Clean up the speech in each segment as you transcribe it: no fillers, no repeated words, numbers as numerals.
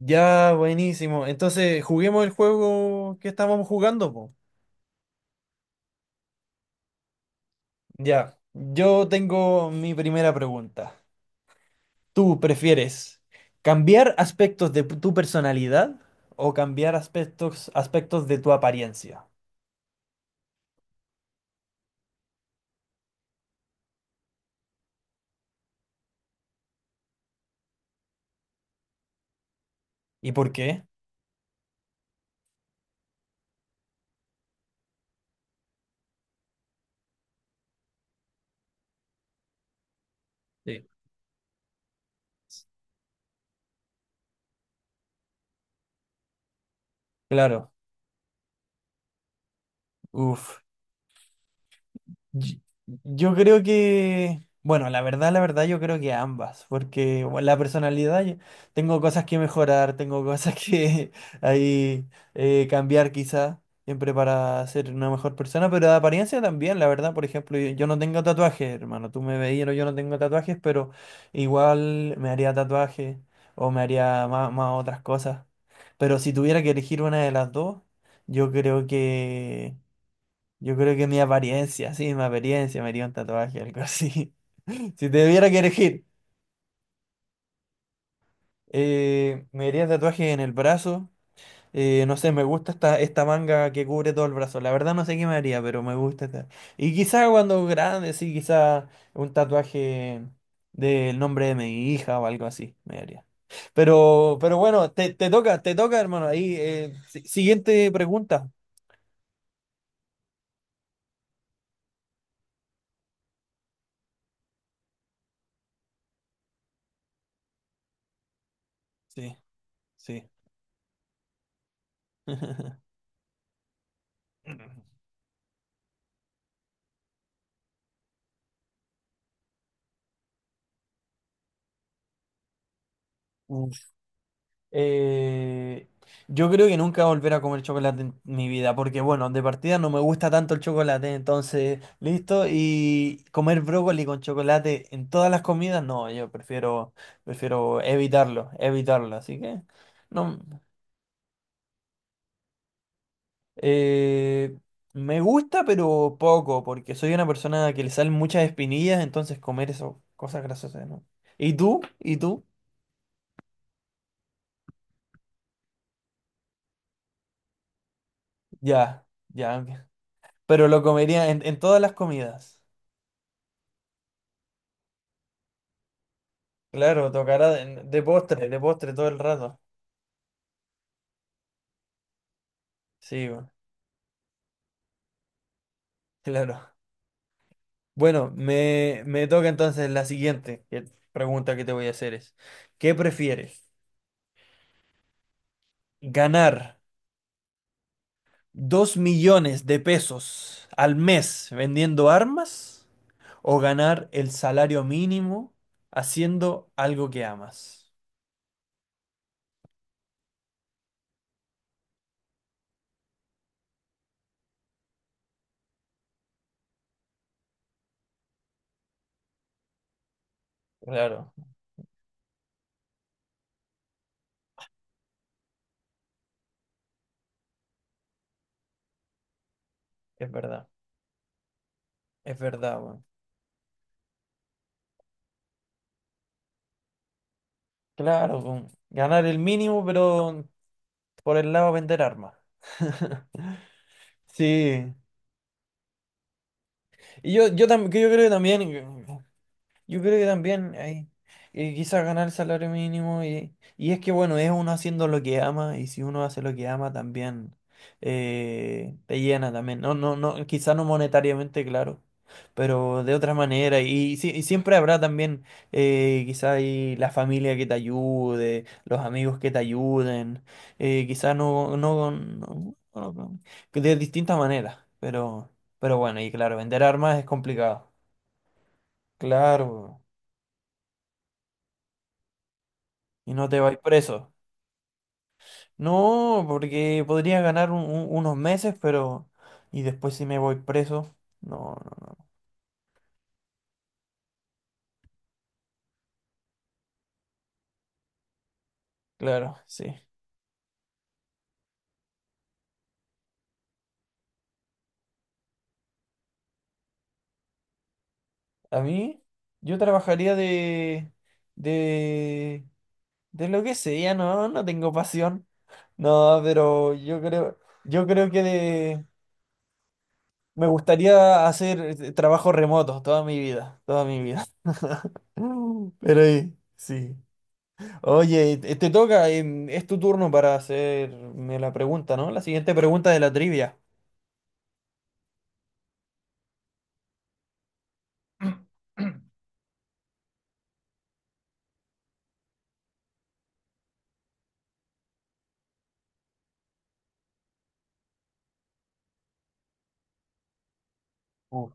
Ya, buenísimo. Entonces, juguemos el juego que estábamos jugando, po. Ya, yo tengo mi primera pregunta. ¿Tú prefieres cambiar aspectos de tu personalidad o cambiar aspectos de tu apariencia? ¿Y por qué? Sí. Claro. Uf. Yo yo creo que, bueno, la verdad, yo creo que ambas, porque bueno, la personalidad, tengo cosas que mejorar, tengo cosas que ahí cambiar quizá, siempre para ser una mejor persona, pero de apariencia también, la verdad, por ejemplo, yo no tengo tatuajes, hermano, tú me veías, no, yo no tengo tatuajes, pero igual me haría tatuajes o me haría más otras cosas, pero si tuviera que elegir una de las dos, yo creo que... Yo creo que mi apariencia, sí, mi apariencia, me haría un tatuaje, algo así. Si te tuviera que elegir, me haría tatuaje en el brazo. No sé, me gusta esta, esta manga que cubre todo el brazo. La verdad no sé qué me haría, pero me gusta esta. Y quizá cuando grande, sí, quizá un tatuaje del nombre de mi hija o algo así me haría. Pero bueno, te toca, te toca, hermano. Ahí, siguiente pregunta. Sí, sí. Eh, yo creo que nunca volver a comer chocolate en mi vida, porque bueno, de partida no me gusta tanto el chocolate, entonces, listo, y comer brócoli con chocolate en todas las comidas, no, yo prefiero, prefiero evitarlo, evitarlo, así que no, eh, me gusta, pero poco, porque soy una persona que le salen muchas espinillas, entonces comer eso, cosas grasosas, ¿no? ¿Y tú? ¿Y tú? Ya, ya, ok. Pero lo comería en todas las comidas. Claro, tocará de postre, de postre todo el rato. Sí, bueno, claro. Bueno, me toca entonces la siguiente pregunta que te voy a hacer es, ¿qué prefieres? ¿Ganar 2 millones de pesos al mes vendiendo armas o ganar el salario mínimo haciendo algo que amas? Claro, es verdad, es verdad, bueno. Claro, con ganar el mínimo, pero por el lado vender armas. Sí. Y que yo creo que también hay quizás ganar el salario mínimo y es que bueno, es uno haciendo lo que ama y si uno hace lo que ama también te llena también. No, quizás no monetariamente, claro, pero de otra manera y, si- y siempre habrá también quizás la familia que te ayude, los amigos que te ayuden, quizás no, de distintas maneras, pero, pero bueno. Claro, vender armas es complicado. Claro. Y no te vais preso. No, porque podría ganar unos meses, pero... Y después si me voy preso. No, no, no. Claro, sí. A mí, yo trabajaría de... De... De lo que sea, no, no tengo pasión. No, pero yo creo... Yo creo que de... Me gustaría hacer trabajo remoto toda mi vida, toda mi vida. Pero sí. Oye, te toca, es tu turno para hacerme la pregunta, ¿no? La siguiente pregunta de la trivia. Uf,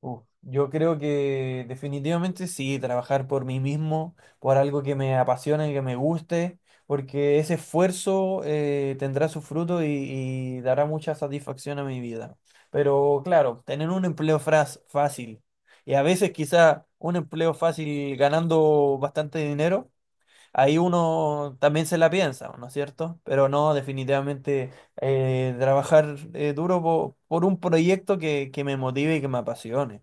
uf. Yo creo que definitivamente sí, trabajar por mí mismo, por algo que me apasione, que me guste, porque ese esfuerzo tendrá su fruto y dará mucha satisfacción a mi vida. Pero claro, tener un empleo fácil y a veces quizá un empleo fácil ganando bastante dinero ahí uno también se la piensa, ¿no es cierto? Pero no, definitivamente trabajar duro por un proyecto que me motive y que me apasione,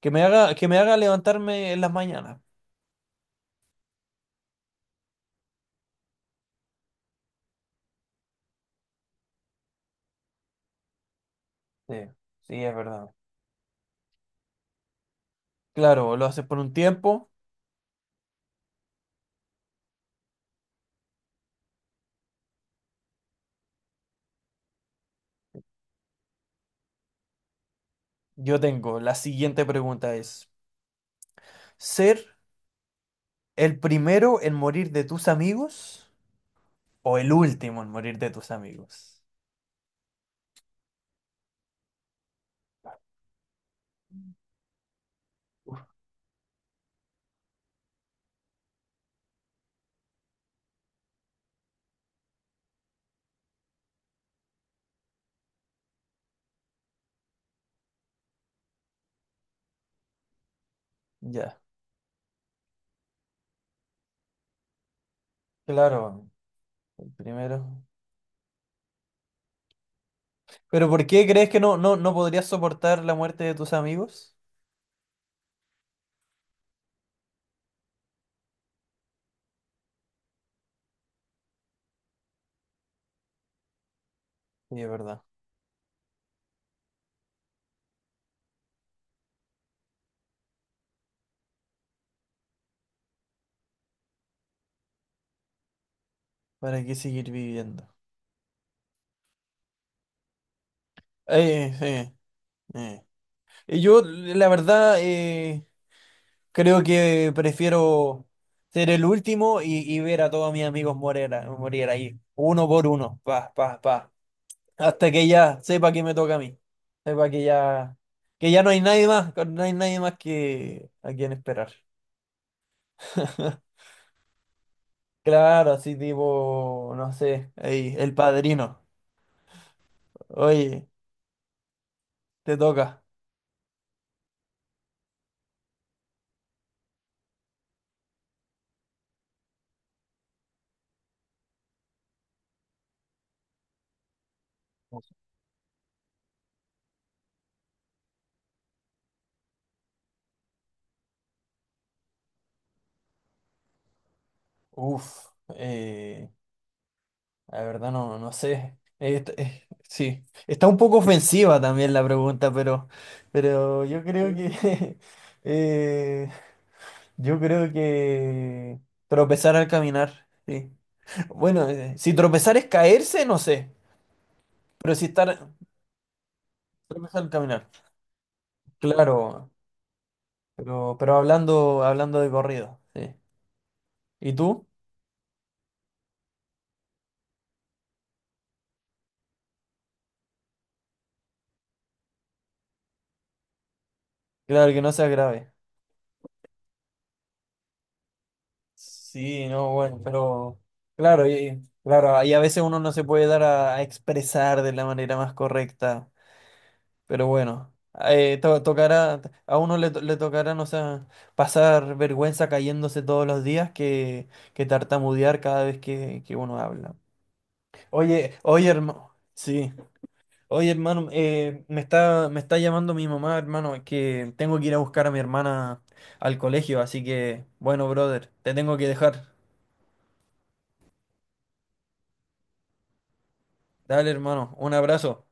que me haga levantarme en las mañanas. Sí, sí, es verdad. Claro, lo haces por un tiempo. Yo tengo, la siguiente pregunta es, ¿ser el primero en morir de tus amigos o el último en morir de tus amigos? Ya, claro, el primero. ¿Pero por qué crees que no podrías soportar la muerte de tus amigos? Sí, es verdad. ¿Para qué seguir viviendo? Eh, eh, eh. Y yo, la verdad, creo que prefiero ser el último y ver a todos mis amigos morir, morir ahí, uno por uno, pa, pa, pa, hasta que ya sepa que me toca a mí, sepa que ya no hay nadie más, que no hay nadie más que a quien esperar. Claro, así tipo, no sé, ahí, el padrino. Oye, te toca. Uf, la verdad no, no sé. Sí, está un poco ofensiva también la pregunta, pero yo creo que eh, yo creo que tropezar al caminar. Sí. Bueno, si tropezar es caerse, no sé, pero si estar tropezar al caminar, claro. Pero hablando, hablando de corrido, sí. ¿Y tú? Claro que no sea grave. Sí, no, bueno, pero claro, y, claro, y a veces uno no se puede dar a expresar de la manera más correcta, pero bueno, tocará, a uno le, le tocará, no sé, pasar vergüenza cayéndose todos los días que tartamudear cada vez que uno habla. Oye, oye, hermano, sí, oye, hermano, me está llamando mi mamá, hermano, que tengo que ir a buscar a mi hermana al colegio, así que, bueno, brother, te tengo que dejar. Dale, hermano, un abrazo.